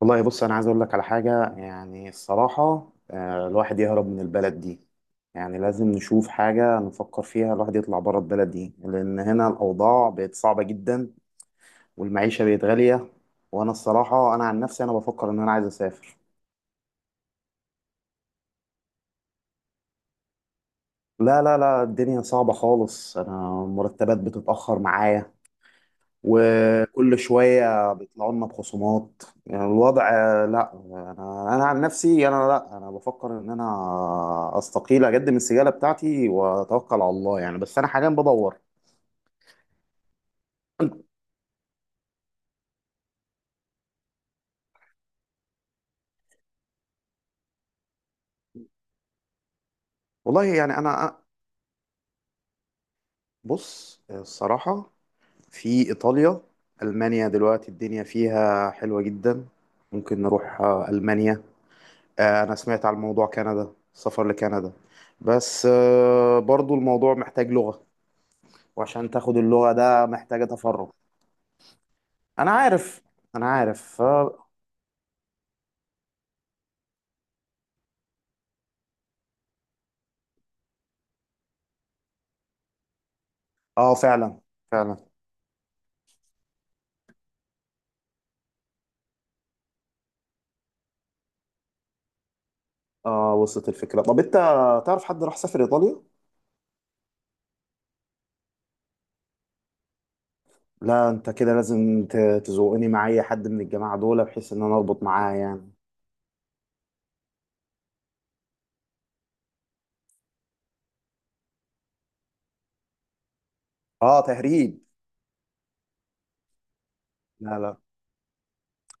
والله بص، انا عايز اقول لك على حاجه. يعني الصراحه، الواحد يهرب من البلد دي. يعني لازم نشوف حاجه نفكر فيها. الواحد يطلع بره البلد دي، لان هنا الاوضاع بقت صعبه جدا، والمعيشه بقت غاليه. وانا الصراحه، انا عن نفسي، انا بفكر ان انا عايز اسافر. لا، لا، لا، الدنيا صعبه خالص. انا المرتبات بتتاخر معايا، وكل شوية بيطلعوا لنا بخصومات، يعني الوضع. لا، أنا عن نفسي، أنا، لا، أنا بفكر إن أنا أستقيل، أقدم السجالة بتاعتي وأتوكل على الله، يعني. بس أنا حاليا بدور. والله يعني أنا، بص الصراحة، في إيطاليا، ألمانيا دلوقتي الدنيا فيها حلوة جدا. ممكن نروح، ألمانيا. أنا سمعت على الموضوع كندا، السفر لكندا. بس برضو الموضوع محتاج لغة، وعشان تاخد اللغة ده محتاجة تفرغ. انا عارف. انا عارف، اه. فعلا. فعلا. اه، وصلت الفكره. طب انت تعرف حد راح سافر ايطاليا؟ لا، انت كده لازم تزوقني مع اي حد من الجماعه دول، بحيث ان انا اربط معاه، يعني. اه، تهريب. لا، لا،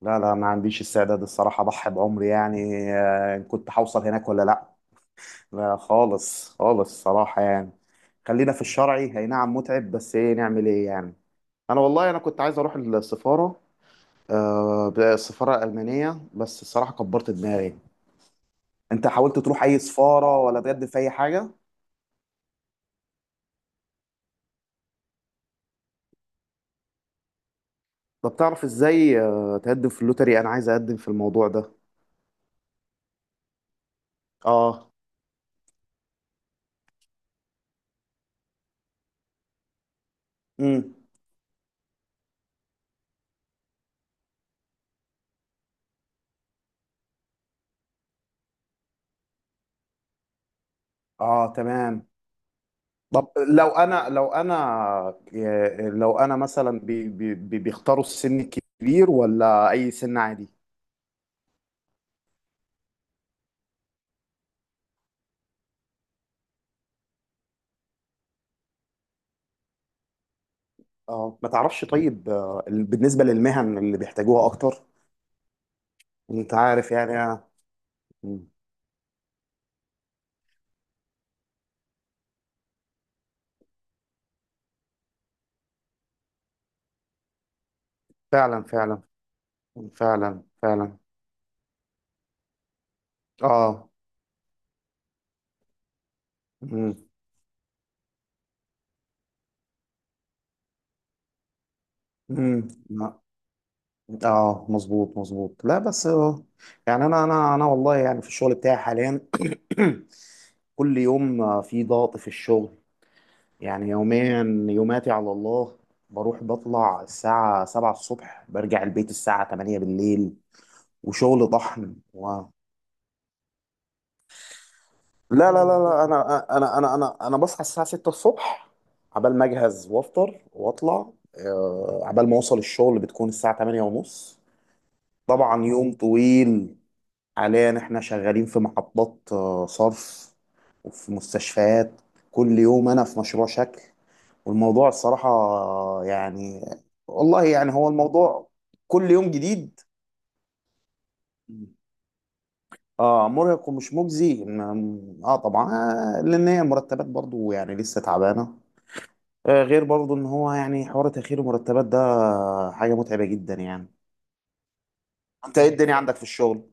لا، لا، ما عنديش استعداد الصراحه اضحي بعمري، يعني. إن كنت هوصل هناك ولا لا. لا، خالص، خالص، صراحه، يعني. خلينا في الشرعي، هي نعم متعب، بس ايه نعمل ايه يعني. انا والله، انا كنت عايز اروح السفاره، السفارة الألمانية، بس الصراحة كبرت دماغي. أنت حاولت تروح أي سفارة ولا تقدم في أي حاجة؟ طب تعرف إزاي تقدم في اللوتري؟ أنا عايز أقدم في الموضوع ده. آه. امم. آه، تمام. طب لو أنا، لو أنا مثلا، بيختاروا السن الكبير ولا أي سن عادي؟ آه، ما تعرفش. طيب، بالنسبة للمهن اللي بيحتاجوها أكتر، أنت عارف يعني. مم. فعلا، فعلا. فعلا، فعلا. آه. مم. مم. لا. اه، مظبوط، مظبوط. لا بس، يعني انا والله يعني في الشغل بتاعي حاليا كل يوم في ضغط في الشغل. يعني يوميا، يوماتي على الله. بروح بطلع الساعة 7 الصبح، برجع البيت الساعة 8 بالليل، وشغل طحن لا، لا، لا، لا، انا بصحى الساعة 6 الصبح. عبال ما اجهز وافطر واطلع، عبال ما اوصل الشغل بتكون الساعة 8 ونص. طبعا يوم طويل. حاليا احنا شغالين في محطات صرف، وفي مستشفيات. كل يوم انا في مشروع شكل. والموضوع الصراحة، يعني والله يعني هو الموضوع كل يوم جديد. اه، مرهق ومش مجزي، اه، طبعا. لان هي مرتبات برضو يعني لسه تعبانة. آه، غير برضو ان هو يعني حوار تأخير المرتبات ده حاجة متعبة جدا، يعني. انت ايه الدنيا عندك في الشغل؟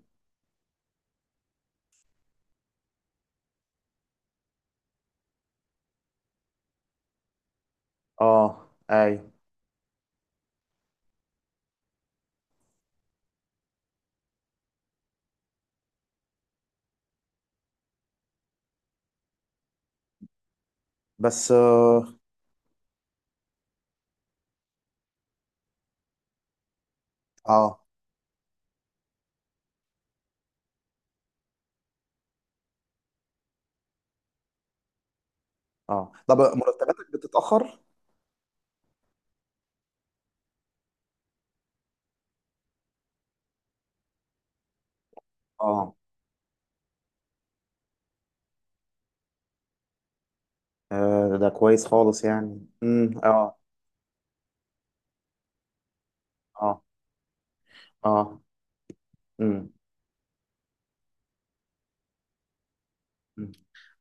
اه، ايوه. بس آه. اه، طب مرتباتك بتتأخر؟ اه. ده كويس خالص، يعني. اه. اه. اه. امم. أمم.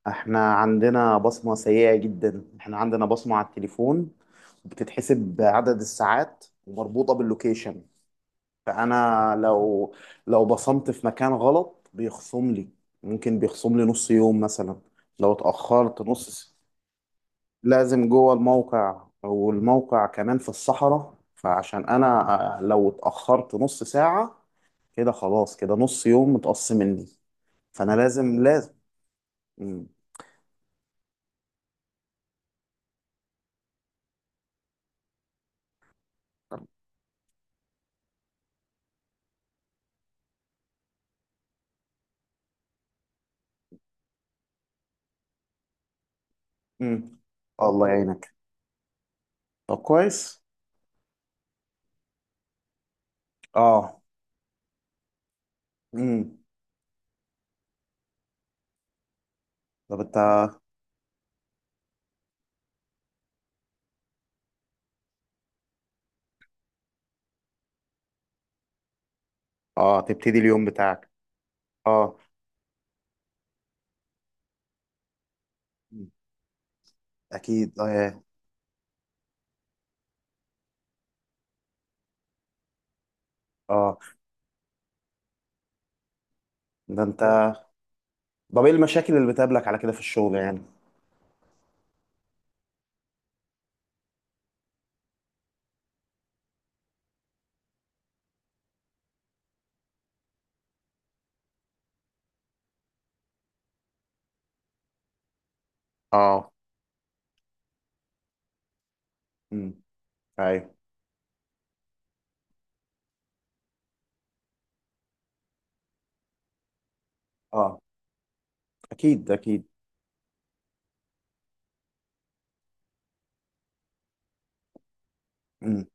احنا عندنا بصمة سيئة جدا. احنا عندنا بصمة على التليفون، بتتحسب بعدد الساعات ومربوطة باللوكيشن. فانا لو، بصمت في مكان غلط بيخصم لي. ممكن بيخصم لي نص يوم مثلا، لو اتأخرت نص. لازم جوه الموقع، والموقع كمان في الصحراء. فعشان انا لو اتأخرت نص ساعة، كده خلاص، كده نص يوم متقص مني. فانا لازم. مم. مم. الله يعينك. طب كويس. اه. مم. طب انت. اه، تبتدي اليوم بتاعك. اه. مم. اكيد، اه. اه، ده انت. طب ايه المشاكل اللي بتقابلك على كده في الشغل يعني؟ اه. امم. ايوه. اه، اكيد، اكيد. امم.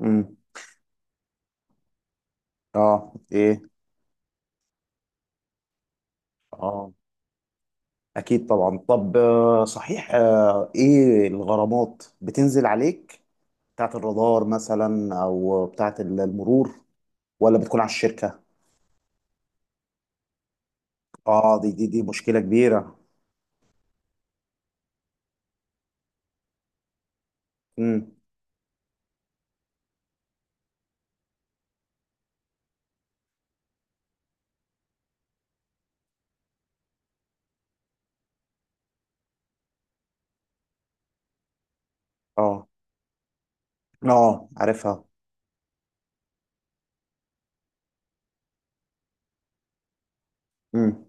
امم. اه. ايه. اه، أكيد طبعا. طب صحيح، إيه الغرامات بتنزل عليك، بتاعة الرادار مثلا أو بتاعة المرور، ولا بتكون على الشركة؟ آه، دي مشكلة كبيرة. امم. آه. آه، عارفها. امم.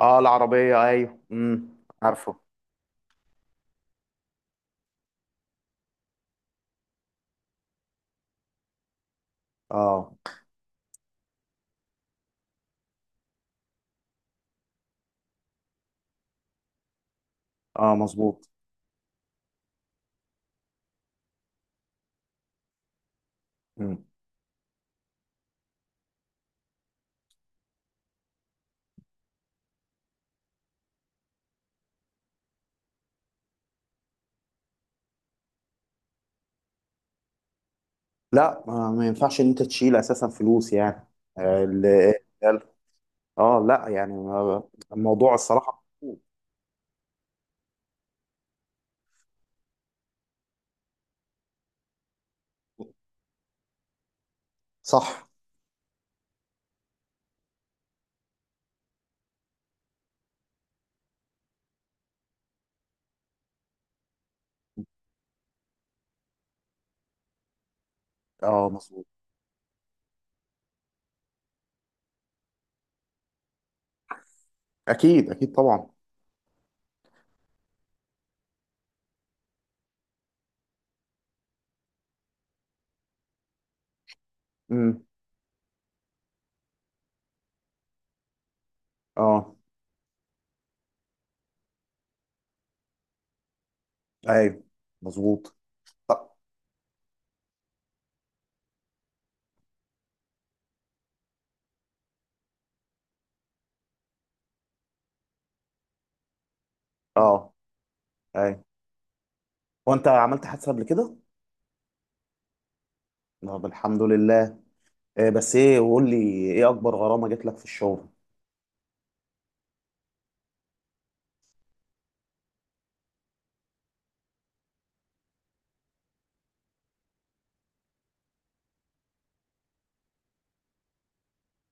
آه، العربية، أيوه، امم، عارفه. آه. آه، مظبوط. امم. لا، ما ينفعش إن أنت تشيل أساسا فلوس، يعني. آه. اه، لا، يعني الموضوع الصراحة. صح. اه، مظبوط، اكيد، اكيد، طبعا. امم. اه. ايوه، مظبوط. اه. آه، ايوه. هو انت عملت حادثه قبل كده؟ طب الحمد لله. إيه بس، ايه، وقول لي، ايه اكبر غرامه جات لك في الشغل؟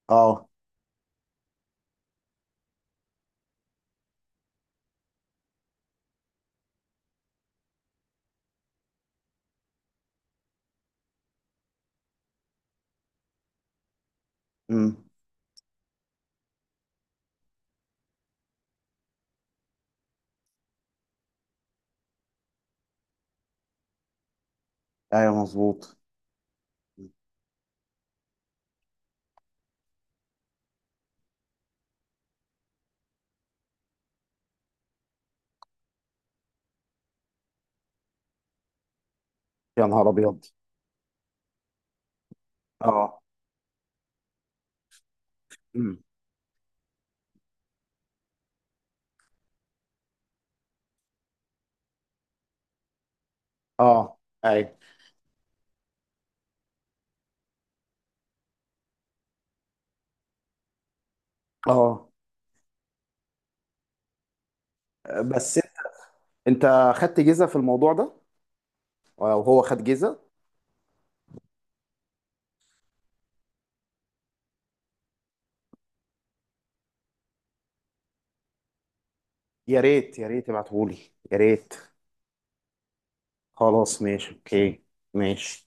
اه. امم. ايوه، مظبوط. يا نهار ابيض. اه. امم. اه. ايوه. اه. بس انت خدت جيزه في الموضوع ده، وهو خد جيزه؟ يا ريت. يا ريت ابعتهولي. يا ريت. خلاص، ماشي، اوكي. ماشي.